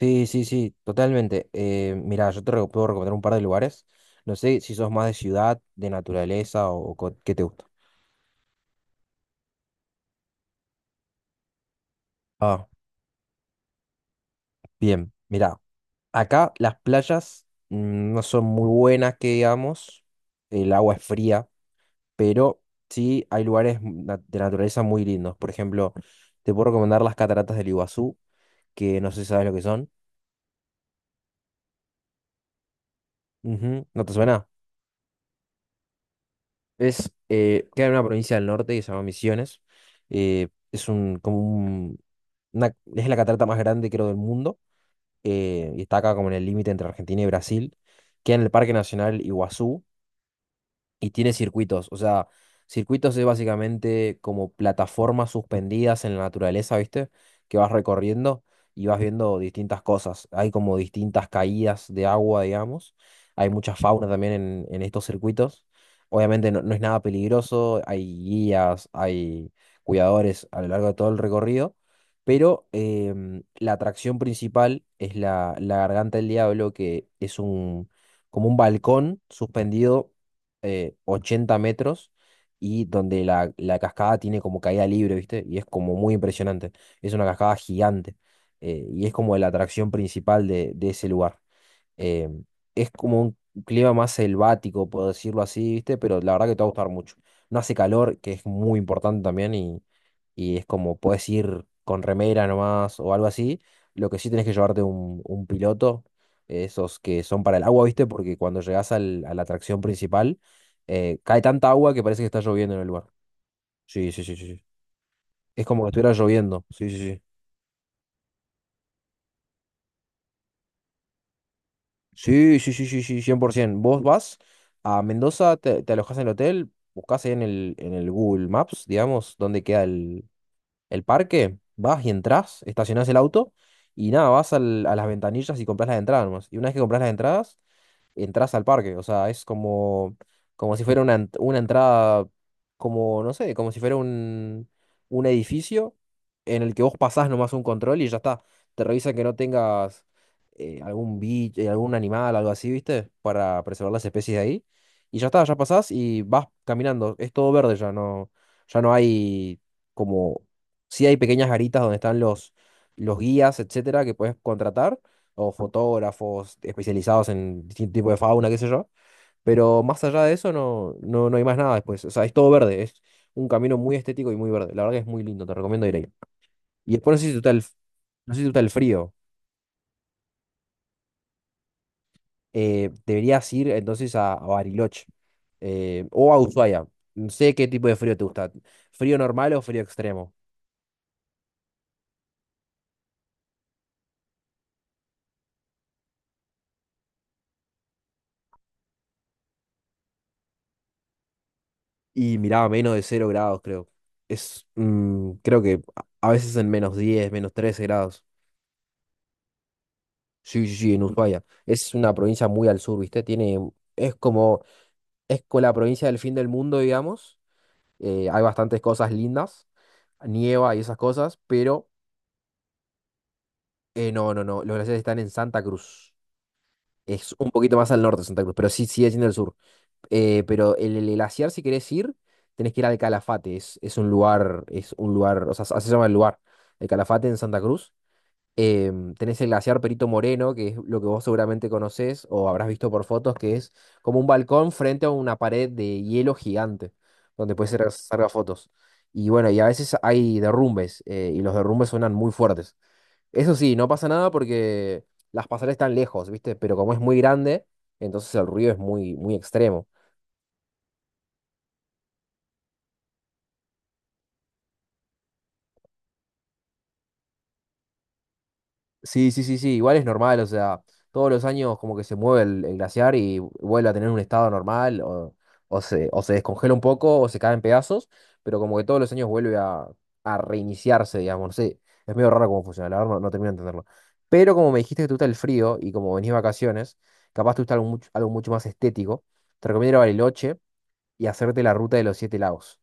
Sí, sí, sí, totalmente. Mira, puedo recomendar un par de lugares. No sé si sos más de ciudad, de naturaleza qué te gusta. Ah, bien, mira, acá las playas no son muy buenas, que digamos. El agua es fría, pero sí hay de naturaleza muy lindos. Por ejemplo, te puedo recomendar las cataratas del Iguazú, que no sé si sabes lo que son. Ujú, ¿no te suena? Queda en una provincia del norte que se llama Misiones. Es un, como un, una- es la catarata más grande, creo, del mundo. Y está acá como en el límite entre Argentina y Brasil. Queda en el Parque Nacional Iguazú. Y tiene circuitos, o sea, circuitos es básicamente como plataformas suspendidas en la naturaleza, ¿viste? Que vas recorriendo y vas viendo distintas cosas. Hay como distintas caídas de agua, digamos. Hay mucha fauna también en estos circuitos. Obviamente no, no es nada peligroso, hay guías, hay cuidadores a lo largo de todo el recorrido, pero la atracción principal es la Garganta del Diablo, que es un, como un balcón suspendido 80 metros y donde la cascada tiene como caída libre, ¿viste? Y es como muy impresionante. Es una cascada gigante y es como la atracción principal de ese lugar. Eh, es como un clima más selvático, puedo decirlo así, ¿viste? Pero la verdad que te va a gustar mucho. No hace calor, que es muy importante también, y es como puedes ir con remera nomás o algo así. Lo que sí tenés que llevarte un piloto, esos que son para el agua, ¿viste? Porque cuando a la atracción principal, cae tanta agua que parece que está lloviendo en el lugar. Sí, sí, sí, sí, sí. Es como que estuviera lloviendo. Sí, sí, sí. Sí, sí, sí, sí, sí, 100%. Vos vas a Mendoza, te alojás en el hotel, buscás ahí en el Google Maps, digamos, dónde queda el parque, vas y entras, estacionás el auto y nada, a las ventanillas y compras las entradas nomás. Y una vez que compras las entradas, entras al parque. O sea, es como, como si fuera una entrada, como, no sé, como si fuera un edificio en el que vos pasás nomás un control y ya está. Te revisan que no tengas algún bicho, algún animal, algo así, ¿viste? Para preservar las especies de ahí. Y ya está, ya pasás y vas caminando. Es todo verde ya, no, ya no hay como. Sí hay pequeñas garitas donde están los guías, etcétera, que puedes contratar, o fotógrafos especializados en distinto tipo de fauna, qué sé yo. Pero más allá de eso no, no, no hay más nada después. O sea, es todo verde, es un camino muy estético y muy verde. La verdad que es muy lindo, te recomiendo ir ahí. Y después no sé si te gusta el frío. Deberías ir entonces a Bariloche o a Ushuaia. No sé qué tipo de frío te gusta. ¿Frío normal o frío extremo? Y miraba menos de cero grados, creo. Creo que a veces en menos 10 menos 13 grados. Sí, sí, sí, en Ushuaia. Es una provincia muy al sur, ¿viste? Tiene, es como, es con la provincia del fin del mundo, digamos. Hay bastantes cosas lindas, nieva y esas cosas, pero no, no, no. Los glaciares están en Santa Cruz. Es un poquito más al norte de Santa Cruz, pero sí sigue siendo el sur. Pero el glaciar, si querés ir, tenés que ir al Calafate. Es un lugar, o sea, así se llama el lugar. El Calafate en Santa Cruz. Tenés el glaciar Perito Moreno, que es lo que vos seguramente conocés o habrás visto por fotos, que es como un balcón frente a una pared de hielo gigante, donde puedes Ujú. Sacar fotos. Y bueno, y a veces hay derrumbes, y los derrumbes suenan muy fuertes. Eso sí, no pasa nada porque las pasarelas están lejos, ¿viste? Pero como es muy grande, entonces el ruido es muy, muy extremo. Sí, sí, sí, sí, igual es normal, o sea, todos los años como que se mueve el glaciar y vuelve a tener un estado normal, o se descongela un poco, o se cae en pedazos, pero como que todos los años a reiniciarse, digamos, no sé, es medio raro cómo funciona, la verdad no, no termino de entenderlo. Pero como me dijiste que te gusta el frío y como venís de vacaciones, capaz te gusta algo mucho más estético, te recomiendo ir a Bariloche, y hacerte la ruta de los 7 lagos.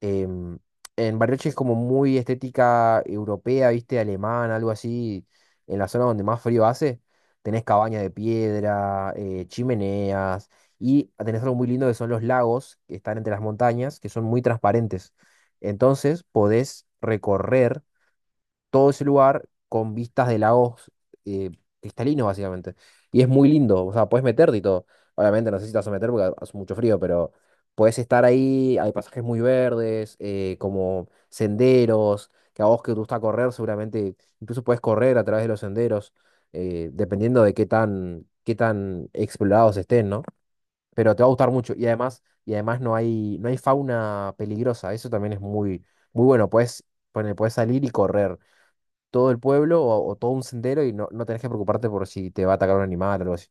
Em, en Bariloche es como muy estética europea, viste, alemana, algo así. En la zona donde más frío hace, tenés cabañas de piedra, chimeneas, y tenés algo muy lindo que son los lagos que están entre las montañas, que son muy transparentes. Entonces podés recorrer todo ese lugar con vistas de lagos eh, cristalinos, básicamente. Y es muy lindo, o sea, puedes meterte y todo. Obviamente no sé si te vas a meter porque hace mucho frío, pero puedes estar ahí, hay pasajes muy verdes, como senderos, que a vos que te gusta correr, seguramente incluso puedes correr a través de los senderos, dependiendo de qué tan explorados estén, ¿no? Pero te va a gustar mucho y además no hay, no hay fauna peligrosa, eso también es muy, muy bueno, puedes, puedes salir y correr todo el pueblo o todo un sendero y no, no tenés que preocuparte por si te va a atacar un animal o algo así.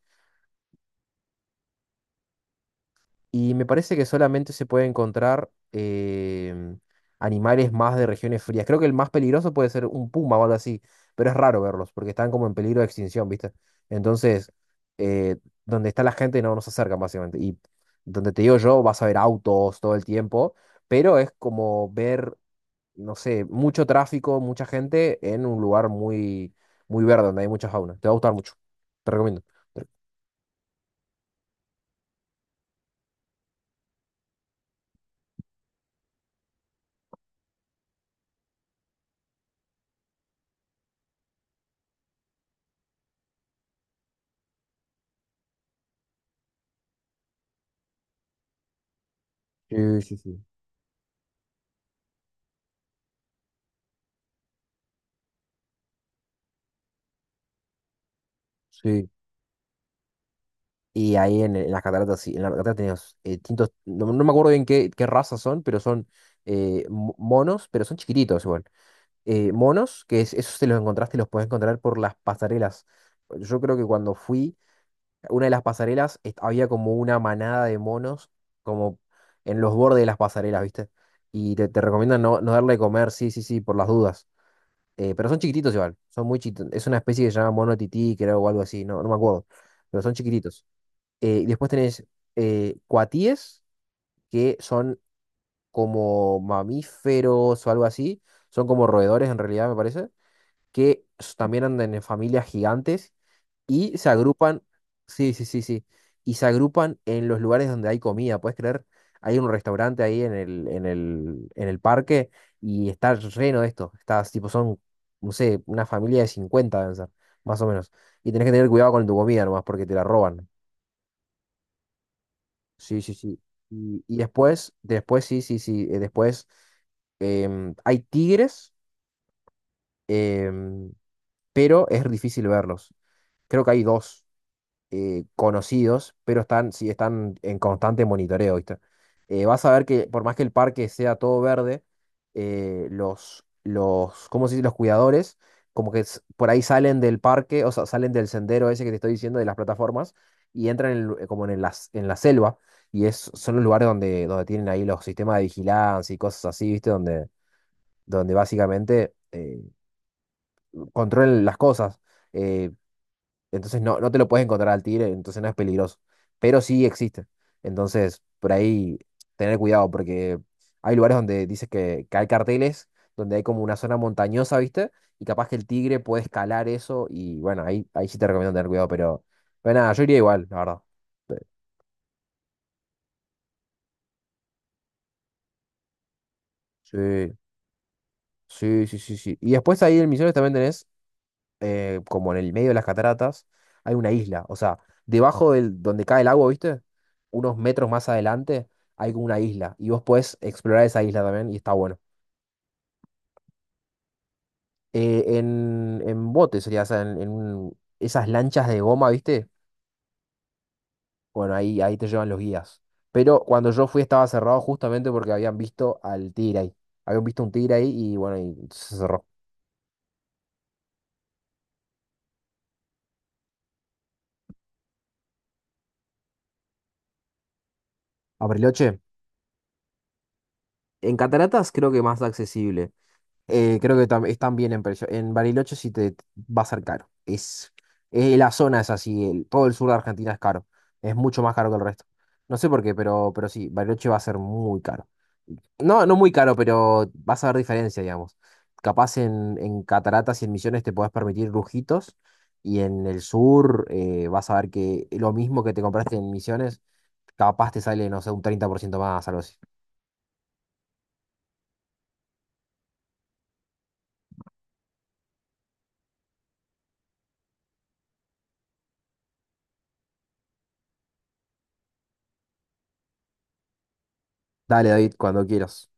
Y me parece que solamente se puede encontrar animales más de regiones frías. Creo que el más peligroso puede ser un puma o algo así, pero es raro verlos porque están como en peligro de extinción, ¿viste? Entonces, eh, donde está la gente no nos acercan básicamente. Y donde te digo yo, vas a ver autos todo el tiempo, pero es como ver no sé, mucho tráfico, mucha gente en un lugar muy, muy verde donde hay mucha fauna. Te va a gustar mucho. Te recomiendo. Sí, sí, sí. Sí. Y ahí en las cataratas, sí, en las cataratas tenías distintos, no, no me acuerdo bien qué, qué razas son, pero son monos, pero son chiquititos igual. Monos, que es, esos te los encontraste y los puedes encontrar por las pasarelas. Yo creo que cuando fui una de las había como una manada de monos como en los bordes de las pasarelas, ¿viste? Y te recomiendan no, no darle de comer, sí, sí, sí, por las dudas. Pero son chiquititos igual, son muy chiquitos. Es una especie que se llama mono tití, creo, o algo así, no, no me acuerdo. Pero son chiquititos. Y después tenés cuatíes, que son como mamíferos o algo así. Son como roedores en realidad, me parece también andan en familias gigantes y se agrupan, sí, sí, sí, sí, y se agrupan en los lugares donde hay comida, ¿puedes creer? Hay un restaurante ahí en el parque y está lleno de esto, está, tipo, son, no sé, una familia de 50 deben ser, más o menos, y tenés que tener cuidado con tu comida nomás porque te la roban, sí, sí, sí, y después, después, sí, sí, sí, después hay tigres, em, pero es difícil verlos, creo que hay dos. Conocidos, pero están, sí, están en constante monitoreo, ¿viste? Vas a ver que por más que el parque sea todo verde, ¿cómo se dice? Los cuidadores, como por ahí salen del parque, o sea, salen del sendero ese que te estoy diciendo, de las plataformas, y entran en como en la selva, y es, son los lugares donde, donde tienen ahí los sistemas de vigilancia y cosas así, ¿viste? Donde, donde básicamente controlan las cosas. Eh, entonces no, no te lo puedes encontrar al tigre, entonces no es peligroso. Pero sí existe. Entonces, por ahí tener cuidado, porque hay lugares donde dices que hay carteles, donde hay como una zona montañosa, ¿viste? Y capaz que el tigre puede escalar eso y bueno, ahí, ahí sí te recomiendo tener cuidado, pero nada, yo iría igual, la verdad. Sí, sí, sí, sí, sí. Y después ahí en Misiones también tenés como en el medio de las cataratas, hay una isla. O sea, debajo del, donde cae el agua, ¿viste? Unos metros más adelante hay como una isla. Y vos podés explorar esa isla también y está bueno. En bote sería, o sea, esas lanchas de goma, ¿viste? Bueno, ahí, ahí te llevan los guías. Pero cuando yo fui estaba cerrado justamente porque habían visto al tigre ahí. Habían visto un tigre ahí y bueno, y se cerró. Bariloche, en cataratas creo que más accesible. Creo que es también en precio. En Bariloche sí te va a ser caro. La zona es así, todo el sur de Argentina es caro. Es mucho más caro que el resto. No sé por qué, pero sí, Bariloche va a ser muy caro. No, no muy caro, pero vas a ver diferencia, digamos. Capaz en Cataratas y en Misiones te podés permitir lujitos y en el sur vas a ver que lo mismo que te compraste en Misiones, capaz te sale, no sé, un 30% más, algo así. Dale, David, cuando quieras.